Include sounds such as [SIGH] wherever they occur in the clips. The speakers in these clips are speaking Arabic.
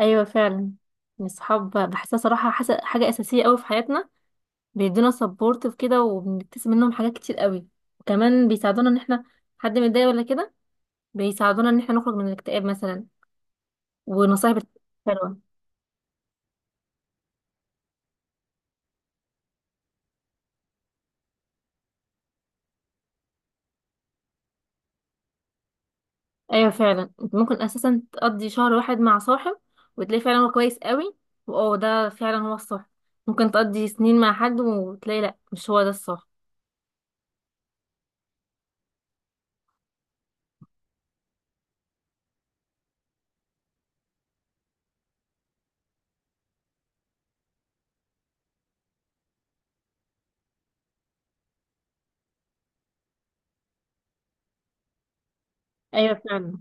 ايوه فعلا، يعني الصحاب بحسها صراحه حاجه اساسيه قوي في حياتنا. بيدونا سبورت في كده، وبنكتسب منهم حاجات كتير قوي. وكمان بيساعدونا ان احنا حد متضايق ولا كده، بيساعدونا ان احنا نخرج من الاكتئاب مثلا. ونصايح حلوه. ايوه فعلا، انت ممكن اساسا تقضي شهر واحد مع صاحب وتلاقي فعلا هو كويس قوي، واه ده فعلا هو الصح. ممكن تقضي سنين مع حد وتلاقي لا مش هو ده الصح. ايوه فعلا.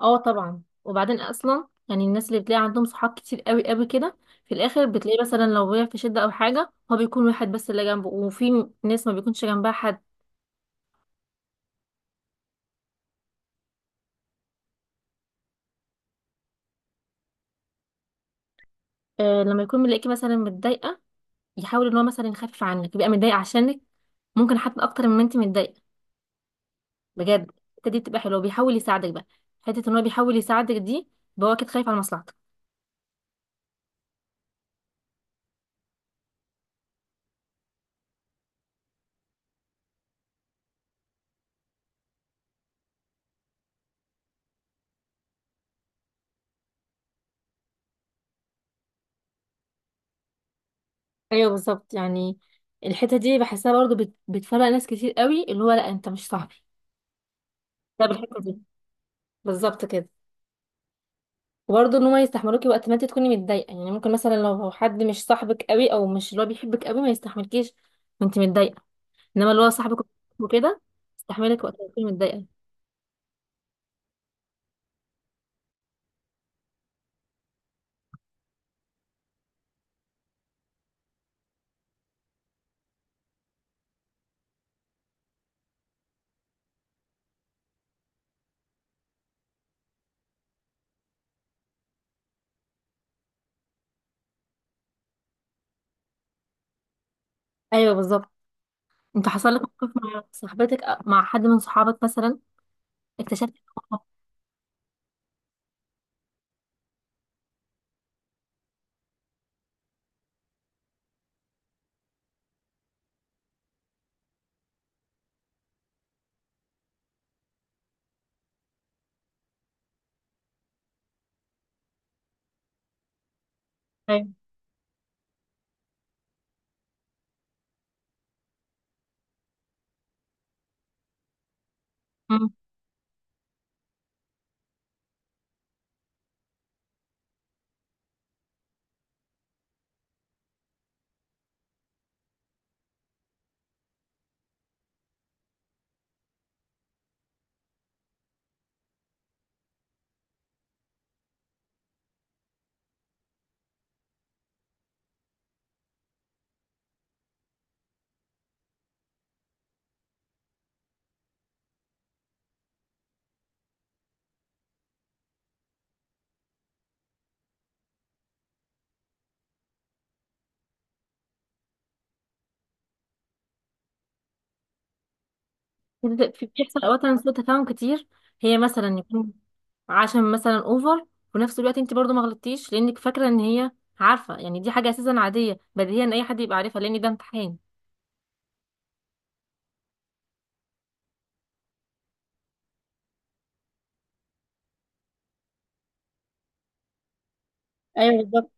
اه طبعا، وبعدين اصلا يعني الناس اللي بتلاقي عندهم صحاب كتير قوي قوي كده، في الاخر بتلاقي مثلا لو وقع في شده او حاجه هو بيكون واحد بس اللي جنبه، وفي ناس ما بيكونش جنبها حد. آه لما يكون ملاقيكي مثلا متضايقه، يحاول ان هو مثلا يخفف عنك، يبقى متضايق عشانك ممكن حتى اكتر مما انت متضايقه بجد. الحته دي بتبقى حلوه، بيحاول يساعدك بقى. حته ان هو بيحاول يساعدك دي، يبقى هو اكيد خايف على مصلحتك. ايوه بالظبط يعني الحته دي بحسها برضه بتفرق ناس كتير قوي، اللي هو لا انت مش صاحبي، ده بالحته دي. بالظبط كده. وبرضه ان هما يستحملوكي وقت ما انت تكوني متضايقه، يعني ممكن مثلا لو حد مش صاحبك قوي او مش اللي هو بيحبك قوي ما يستحملكيش وانت متضايقه، انما اللي هو صاحبك وكده يستحملك وقت ما تكوني متضايقه. ايوه بالظبط. انت حصل لك موقف مع صاحبتك أو مع حد من صحابك مثلا، اكتشفت إن هو- ايوه. أمم. بيحصل اوقات سوء تفاهم كتير. هي مثلا يكون عشان مثلا اوفر، وفي نفس الوقت انت برضو ما غلطتيش لانك فاكره ان هي عارفه، يعني دي حاجه اساسا عاديه بديهيا اي حد يبقى عارفها لان ده امتحان. ايوه بالظبط.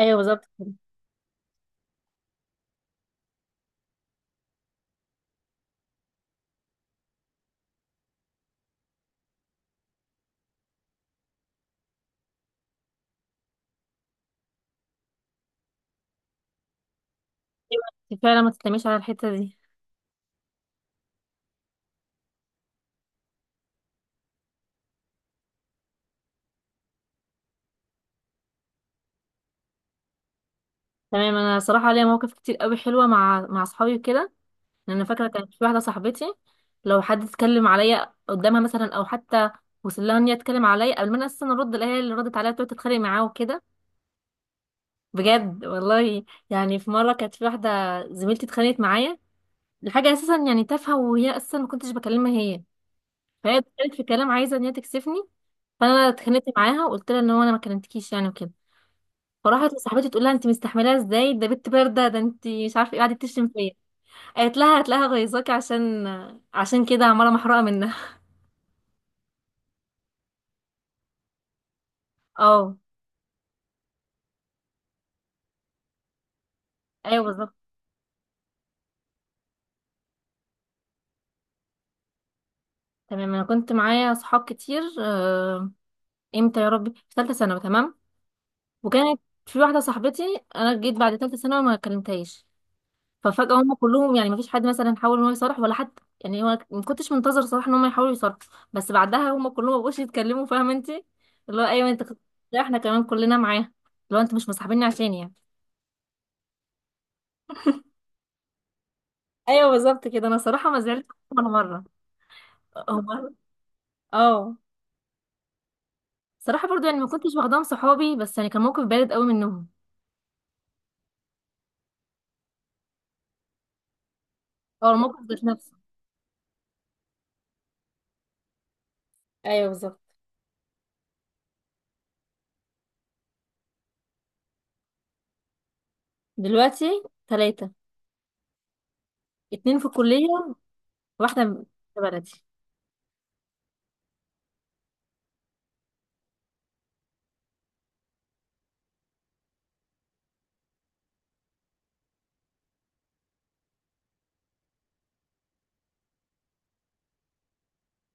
ايوه بالظبط كده. أيوة، فعلا ما تتلميش على الحته دي. تمام، انا صراحه ليا مواقف كتير قوي حلوه مع اصحابي وكده، لان أنا فاكره كانت في واحده صاحبتي لو حد اتكلم عليا قدامها مثلا، او حتى وصل لها ان هي تتكلم عليا، قبل ما انا اصلا ارد الاقيها اللي ردت عليا تقعد تتخانق معاه وكده. بجد والله. يعني في مره كانت في واحده زميلتي اتخانقت معايا لحاجه اساسا يعني تافهه، وهي اصلا ما كنتش بكلمها هي. فهي اتكلمت في كلام عايزه ان هي تكسفني، فانا اتخانقت معاها وقلت لها ان هو انا ما كلمتكيش يعني وكده. فراحت لصاحبتي تقول لها انت مستحملاها ازاي، ده بنت بارده، ده انت مش عارفه ايه، قعدت تشتم فيا. قالت لها هتلاقيها غيظاكي، عشان كده عماله محروقه منها. [LAUGHS] اه. ايوه بالظبط. تمام انا كنت معايا صحاب كتير، امتى يا ربي، في ثالثه ثانوي. تمام، وكانت في واحده صاحبتي انا جيت بعد ثالثه ثانوي ما كلمتهاش، ففجأة هم كلهم يعني مفيش حد مثلا حاول ان هو يصرح ولا حتى، يعني هو ما كنتش منتظر صراحة ان هم يحاولوا يصرحوا. بس بعدها هم كلهم ما بقوش يتكلموا، فاهمة انت، اللي هو ايوه لا احنا كمان كلنا معاه، اللي هو انتوا مش مصاحبيني عشان يعني. ايوه بالظبط كده. انا صراحة ما زعلت ولا مرة. هم. اه صراحة برضو يعني ما كنتش واخداهم صحابي، بس يعني كان موقف بارد قوي منهم. اه الموقف ذات نفسه. ايوه بالظبط. دلوقتي ثلاثة، اتنين في الكلية واحدة في بلدي.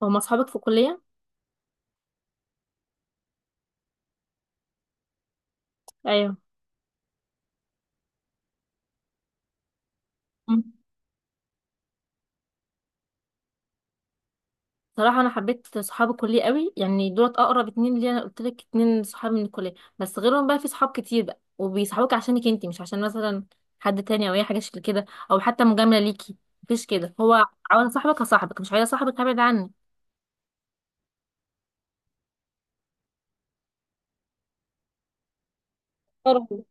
هما اصحابك في الكلية. ايوه صراحة أنا حبيت صحاب الكلية قوي، يعني دولت أقرب اتنين ليا، أنا قلت لك اتنين صحاب من الكلية. بس غيرهم بقى في صحاب كتير بقى، وبيصحبوك عشانك انتي مش عشان مثلا حد تاني أو أي حاجة شكل كده، أو حتى مجاملة ليكي. مفيش كده. هو عاوز صاحبك هصاحبك، مش عايز صاحبك هبعد عني. برضه.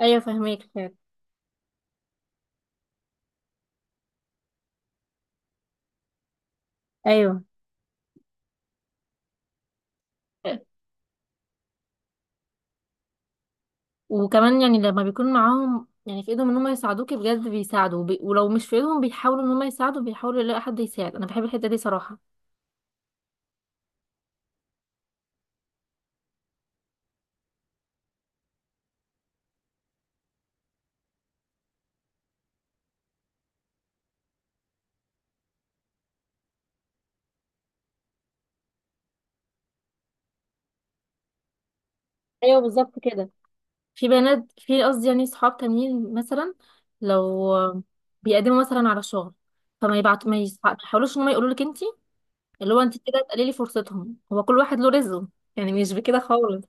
أيوة فاهمك فعلا. أيوة. وكمان يعني لما بيكون معاهم يعني في ايدهم ان هم يساعدوكي بجد بيساعدوا، ولو مش في ايدهم بيحاولوا ان هم يساعدوا، بيحاولوا يلاقوا حد يساعد. انا بحب الحته دي صراحه. ايوه بالظبط كده. في بنات، في قصدي يعني صحاب تانيين مثلا لو بيقدموا مثلا على شغل، فما يبعت ما يحاولوش ان هم يقولوا لك انت اللي هو انت كده تقللي فرصتهم. هو كل واحد له رزقه يعني، مش بكده خالص.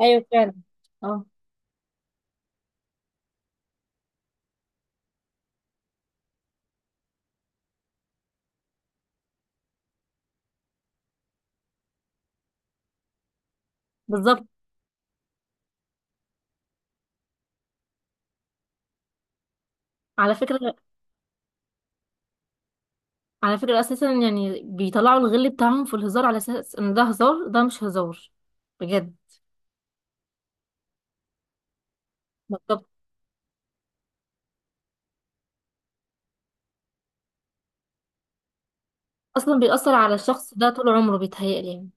ايوه فعلا. اه بالظبط. على فكرة، اساسا يعني بيطلعوا الغل بتاعهم في الهزار، على اساس ان ده هزار، ده مش هزار بجد. بالظبط. اصلا بيأثر على الشخص ده طول عمره، بيتهيألي يعني.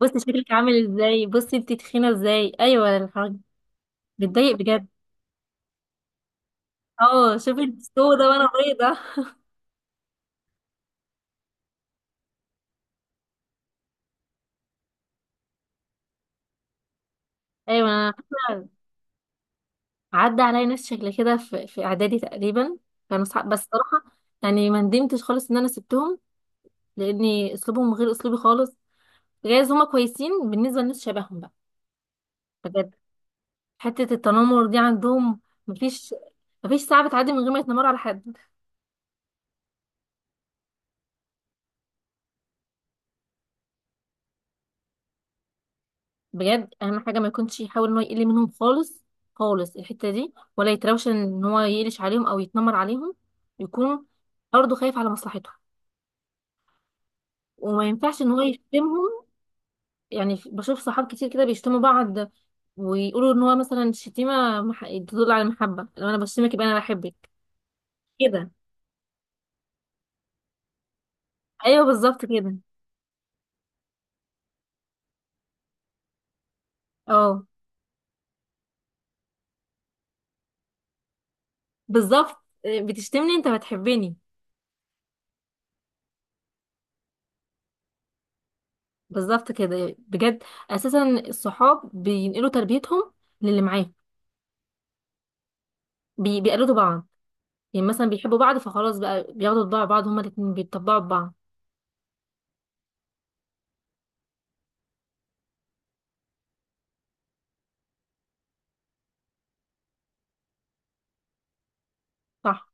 بصي شكلك عامل ازاي، بصي انت تخينة ازاي، ايوه. الحاجة بتضايق بجد. اه شوفي السودا وانا بيضة. ايوه انا فاكرة، عدى عليا ناس شكل كده في في اعدادي تقريبا، كانوا صحاب بس صراحة يعني ما ندمتش خالص ان انا سبتهم، لاني اسلوبهم غير اسلوبي خالص. جايز هما كويسين بالنسبة لناس شبههم بقى، بجد. حتة التنمر دي عندهم، مفيش، مفيش ساعة بتعدي من غير ما يتنمروا على حد. بجد اهم حاجة ما يكونش يحاول ان هو يقل منهم خالص خالص الحتة دي، ولا يتراوش ان هو يقلش عليهم او يتنمر عليهم. يكون برضه خايف على مصلحتهم، وما ينفعش ان هو يشتمهم. يعني بشوف صحاب كتير كده بيشتموا بعض، ويقولوا ان هو مثلا شتيمه تدل على المحبه، لو انا بشتمك يبقى انا بحبك كده. ايوه بالظبط كده. اه بالظبط. إيه، بتشتمني انت بتحبني. بالظبط كده بجد. اساسا الصحاب بينقلوا تربيتهم للي معاه. بيقلدوا بعض، يعني مثلا بيحبوا بعض فخلاص بقى بياخدوا طباع بعض، هما الاتنين بيتطبعوا ببعض. صح.